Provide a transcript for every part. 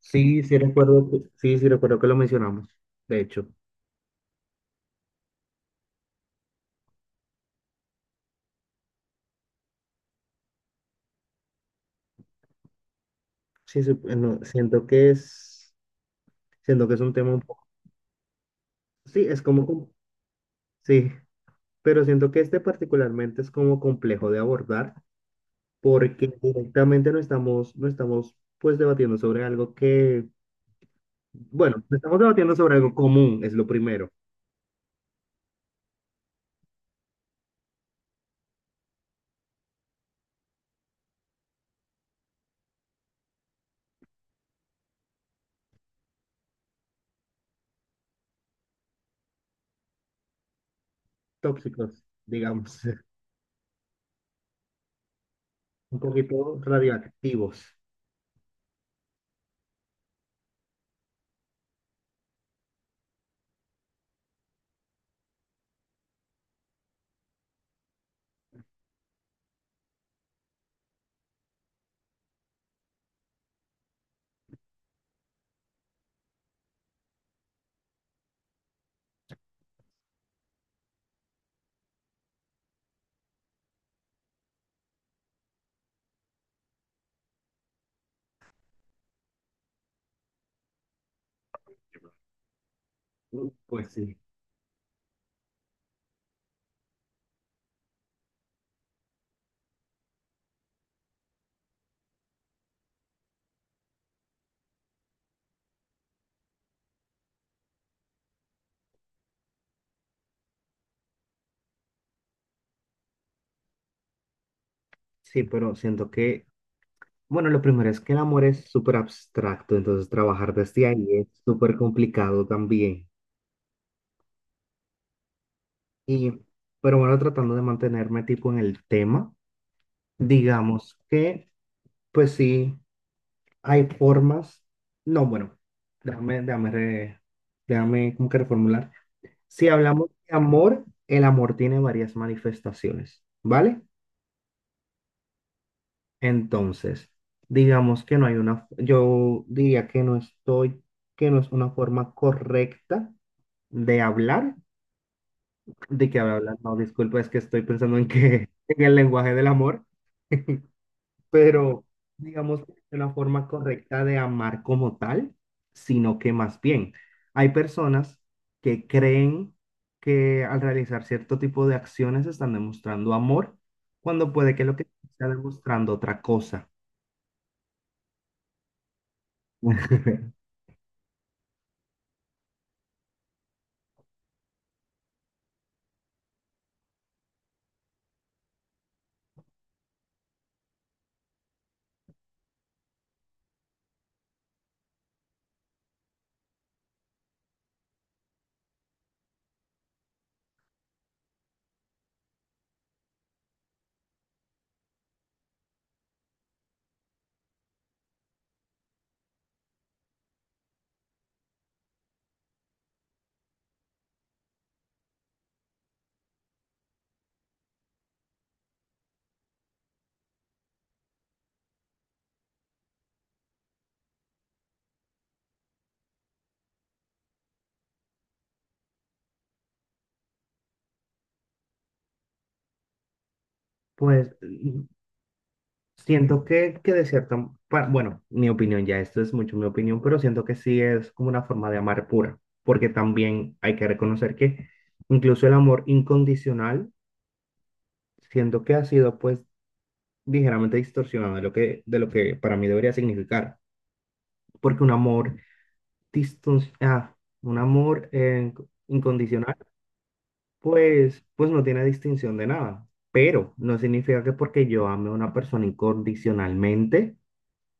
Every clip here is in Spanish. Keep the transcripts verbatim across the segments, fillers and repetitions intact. Sí, sí recuerdo, que- sí, sí recuerdo que lo mencionamos. De hecho, sí, sí, no, siento que es, siento que es un tema un poco. Sí, es como, com- sí, pero siento que este particularmente es como complejo de abordar porque directamente no estamos, no estamos pues debatiendo sobre algo que, bueno, no estamos debatiendo sobre algo común, es lo primero. Tóxicos, digamos, un poquito radioactivos. Pues sí, sí, pero siento que, bueno, lo primero es que el amor es súper abstracto, entonces trabajar desde ahí es súper complicado también. Y, pero bueno, tratando de mantenerme tipo en el tema, digamos que, pues sí, hay formas, no, bueno, déjame, déjame, re- déjame como que reformular. Si hablamos de amor, el amor tiene varias manifestaciones, ¿vale? Entonces, digamos que no hay una, yo diría que no estoy, que no es una forma correcta de hablar, de que hablar, no, disculpa, es que estoy pensando en que en el lenguaje del amor. Pero digamos que no es una forma correcta de amar como tal, sino que más bien hay personas que creen que al realizar cierto tipo de acciones están demostrando amor, cuando puede que lo que está demostrando otra cosa. Pues, siento que, que de cierta, pa- bueno, mi opinión ya, esto es mucho mi opinión, pero siento que sí es como una forma de amar pura, porque también hay que reconocer que incluso el amor incondicional, siento que ha sido pues ligeramente distorsionado de lo que, de lo que para mí debería significar, porque un amor diston- ah, un amor eh, incondicional, pues, pues no tiene distinción de nada, pero no significa que porque yo ame a una persona incondicionalmente.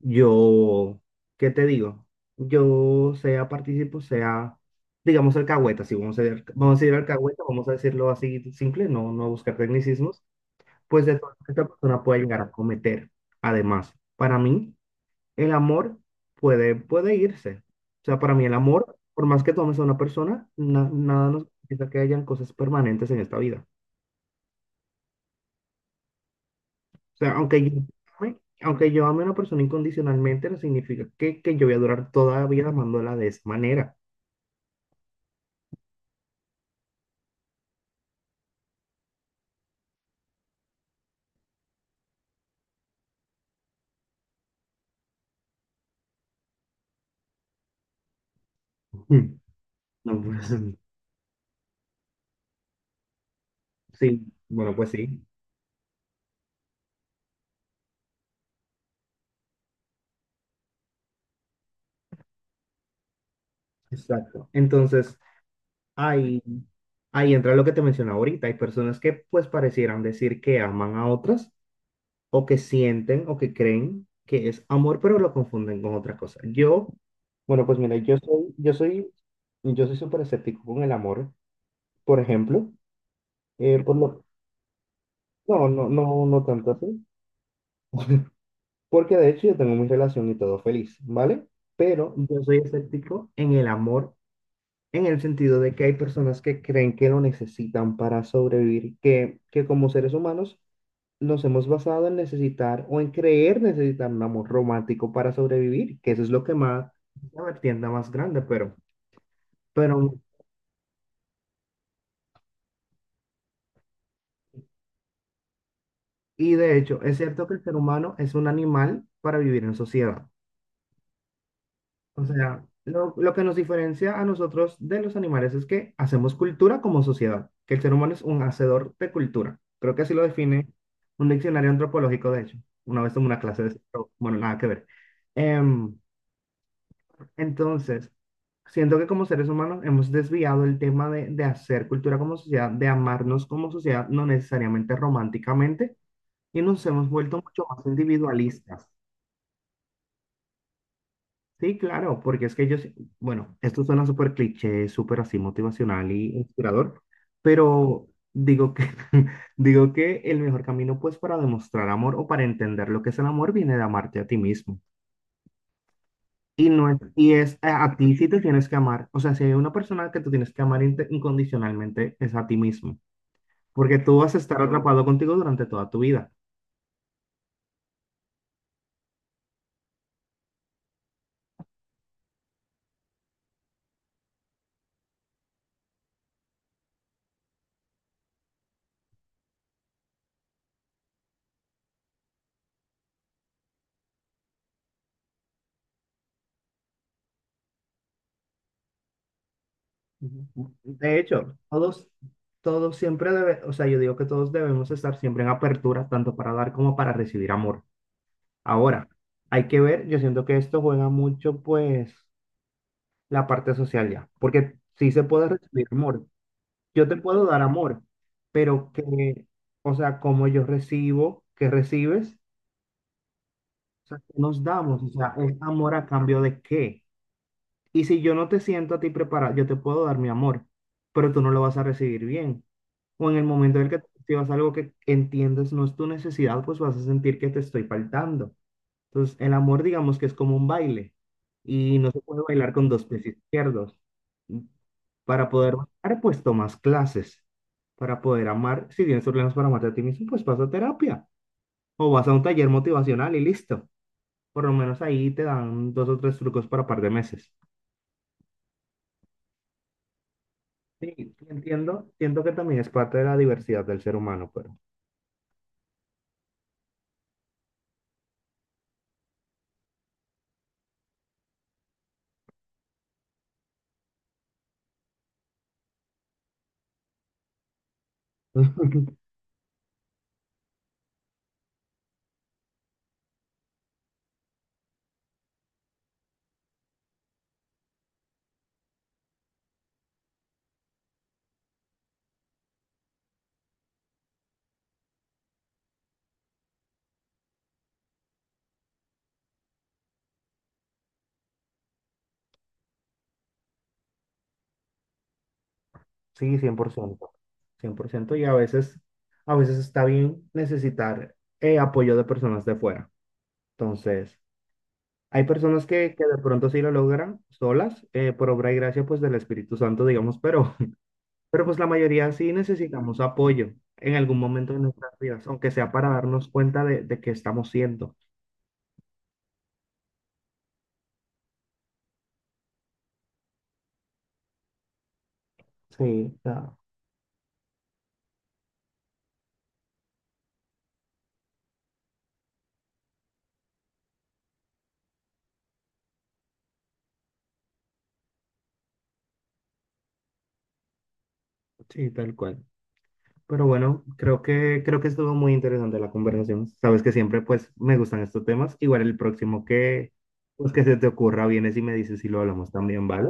Yo, ¿qué te digo? Yo sea participo, sea, digamos, alcahueta, si vamos a decir, vamos a decir alcahueta, vamos a decirlo así simple, no, no buscar tecnicismos, pues de todo lo que esta persona puede llegar a cometer. Además, para mí, el amor puede, puede irse. O sea, para mí el amor, por más que tomes a una persona, na- nada nos quita que hayan cosas permanentes en esta vida. O sea, aunque yo ame, aunque yo ame a una persona incondicionalmente, no significa que, que yo voy a durar toda la vida amándola de esa manera. Mm. No, pues, sí, bueno, pues sí, exacto. Entonces, ahí, ahí entra lo que te mencionaba ahorita. Hay personas que pues parecieran decir que aman a otras o que sienten o que creen que es amor, pero lo confunden con otra cosa. Yo, bueno, pues mira, yo soy, yo soy, yo soy súper escéptico con el amor, por ejemplo, eh, por lo, no, no, no, no tanto así. Porque de hecho yo tengo mi relación y todo feliz, ¿vale? Pero yo soy escéptico en el amor, en el sentido de que hay personas que creen que lo necesitan para sobrevivir, que, que como seres humanos nos hemos basado en necesitar o en creer necesitar un amor romántico para sobrevivir, que eso es lo que más, la vertiente más grande, pero, pero, y de hecho, es cierto que el ser humano es un animal para vivir en sociedad. O sea, lo, lo que nos diferencia a nosotros de los animales es que hacemos cultura como sociedad, que el ser humano es un hacedor de cultura. Creo que así lo define un diccionario antropológico, de hecho. Una vez tomé una clase de eso, pero bueno, nada que ver. Em, entonces, siento que como seres humanos hemos desviado el tema de, de hacer cultura como sociedad, de amarnos como sociedad, no necesariamente románticamente, y nos hemos vuelto mucho más individualistas. Sí, claro, porque es que yo, sí- bueno, esto suena súper cliché, súper así motivacional y inspirador, pero digo que, digo que el mejor camino pues para demostrar amor o para entender lo que es el amor viene de amarte a ti mismo. Y no es, y es a, a ti si te tienes que amar, o sea, si hay una persona que tú tienes que amar inte- incondicionalmente es a ti mismo, porque tú vas a estar atrapado contigo durante toda tu vida. Ujú. De hecho, todos, todos siempre debe, o sea, yo digo que todos debemos estar siempre en apertura, tanto para dar como para recibir amor. Ahora, hay que ver, yo siento que esto juega mucho, pues, la parte social ya, porque sí se puede recibir amor. Yo te puedo dar amor, pero que, o sea, como yo recibo, que recibes, o sea, ¿qué nos damos? O sea, ¿es amor a cambio de qué? Y si yo no te siento a ti preparado, yo te puedo dar mi amor, pero tú no lo vas a recibir bien. O en el momento en el que tú recibas algo que entiendes no es tu necesidad, pues vas a sentir que te estoy faltando. Entonces, el amor, digamos que es como un baile y no se puede bailar con dos pies izquierdos. Para poder bailar, pues tomas clases. Para poder amar, si tienes problemas para amarte a ti mismo, pues vas a terapia o vas a un taller motivacional y listo. Por lo menos ahí te dan dos o tres trucos para par de meses. Sí, entiendo, siento que también es parte de la diversidad del ser humano, pero sí, cien cien por ciento cien por ciento Y a veces, a veces está bien necesitar eh, apoyo de personas de fuera. Entonces, hay personas que, que de pronto sí lo logran solas, eh, por obra y gracia pues del Espíritu Santo, digamos, pero, pero pues la mayoría sí necesitamos apoyo en algún momento de nuestras vidas, aunque sea para darnos cuenta de, de qué estamos siendo. Sí, ah, sí, tal cual. Pero bueno, creo que, creo que estuvo muy interesante la conversación. Sabes que siempre pues me gustan estos temas. Igual el próximo que, pues, que se te ocurra, vienes y me dices si lo hablamos también, ¿vale?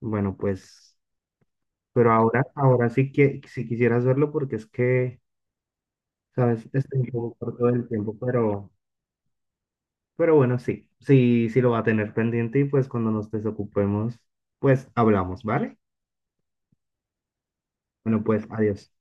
Bueno, pues, pero ahora, ahora sí que si quisieras verlo porque es que, sabes, estoy un poco corto del tiempo, pero, pero bueno, sí, sí, sí lo va a tener pendiente y pues cuando nos desocupemos, pues hablamos, ¿vale? Bueno, pues adiós.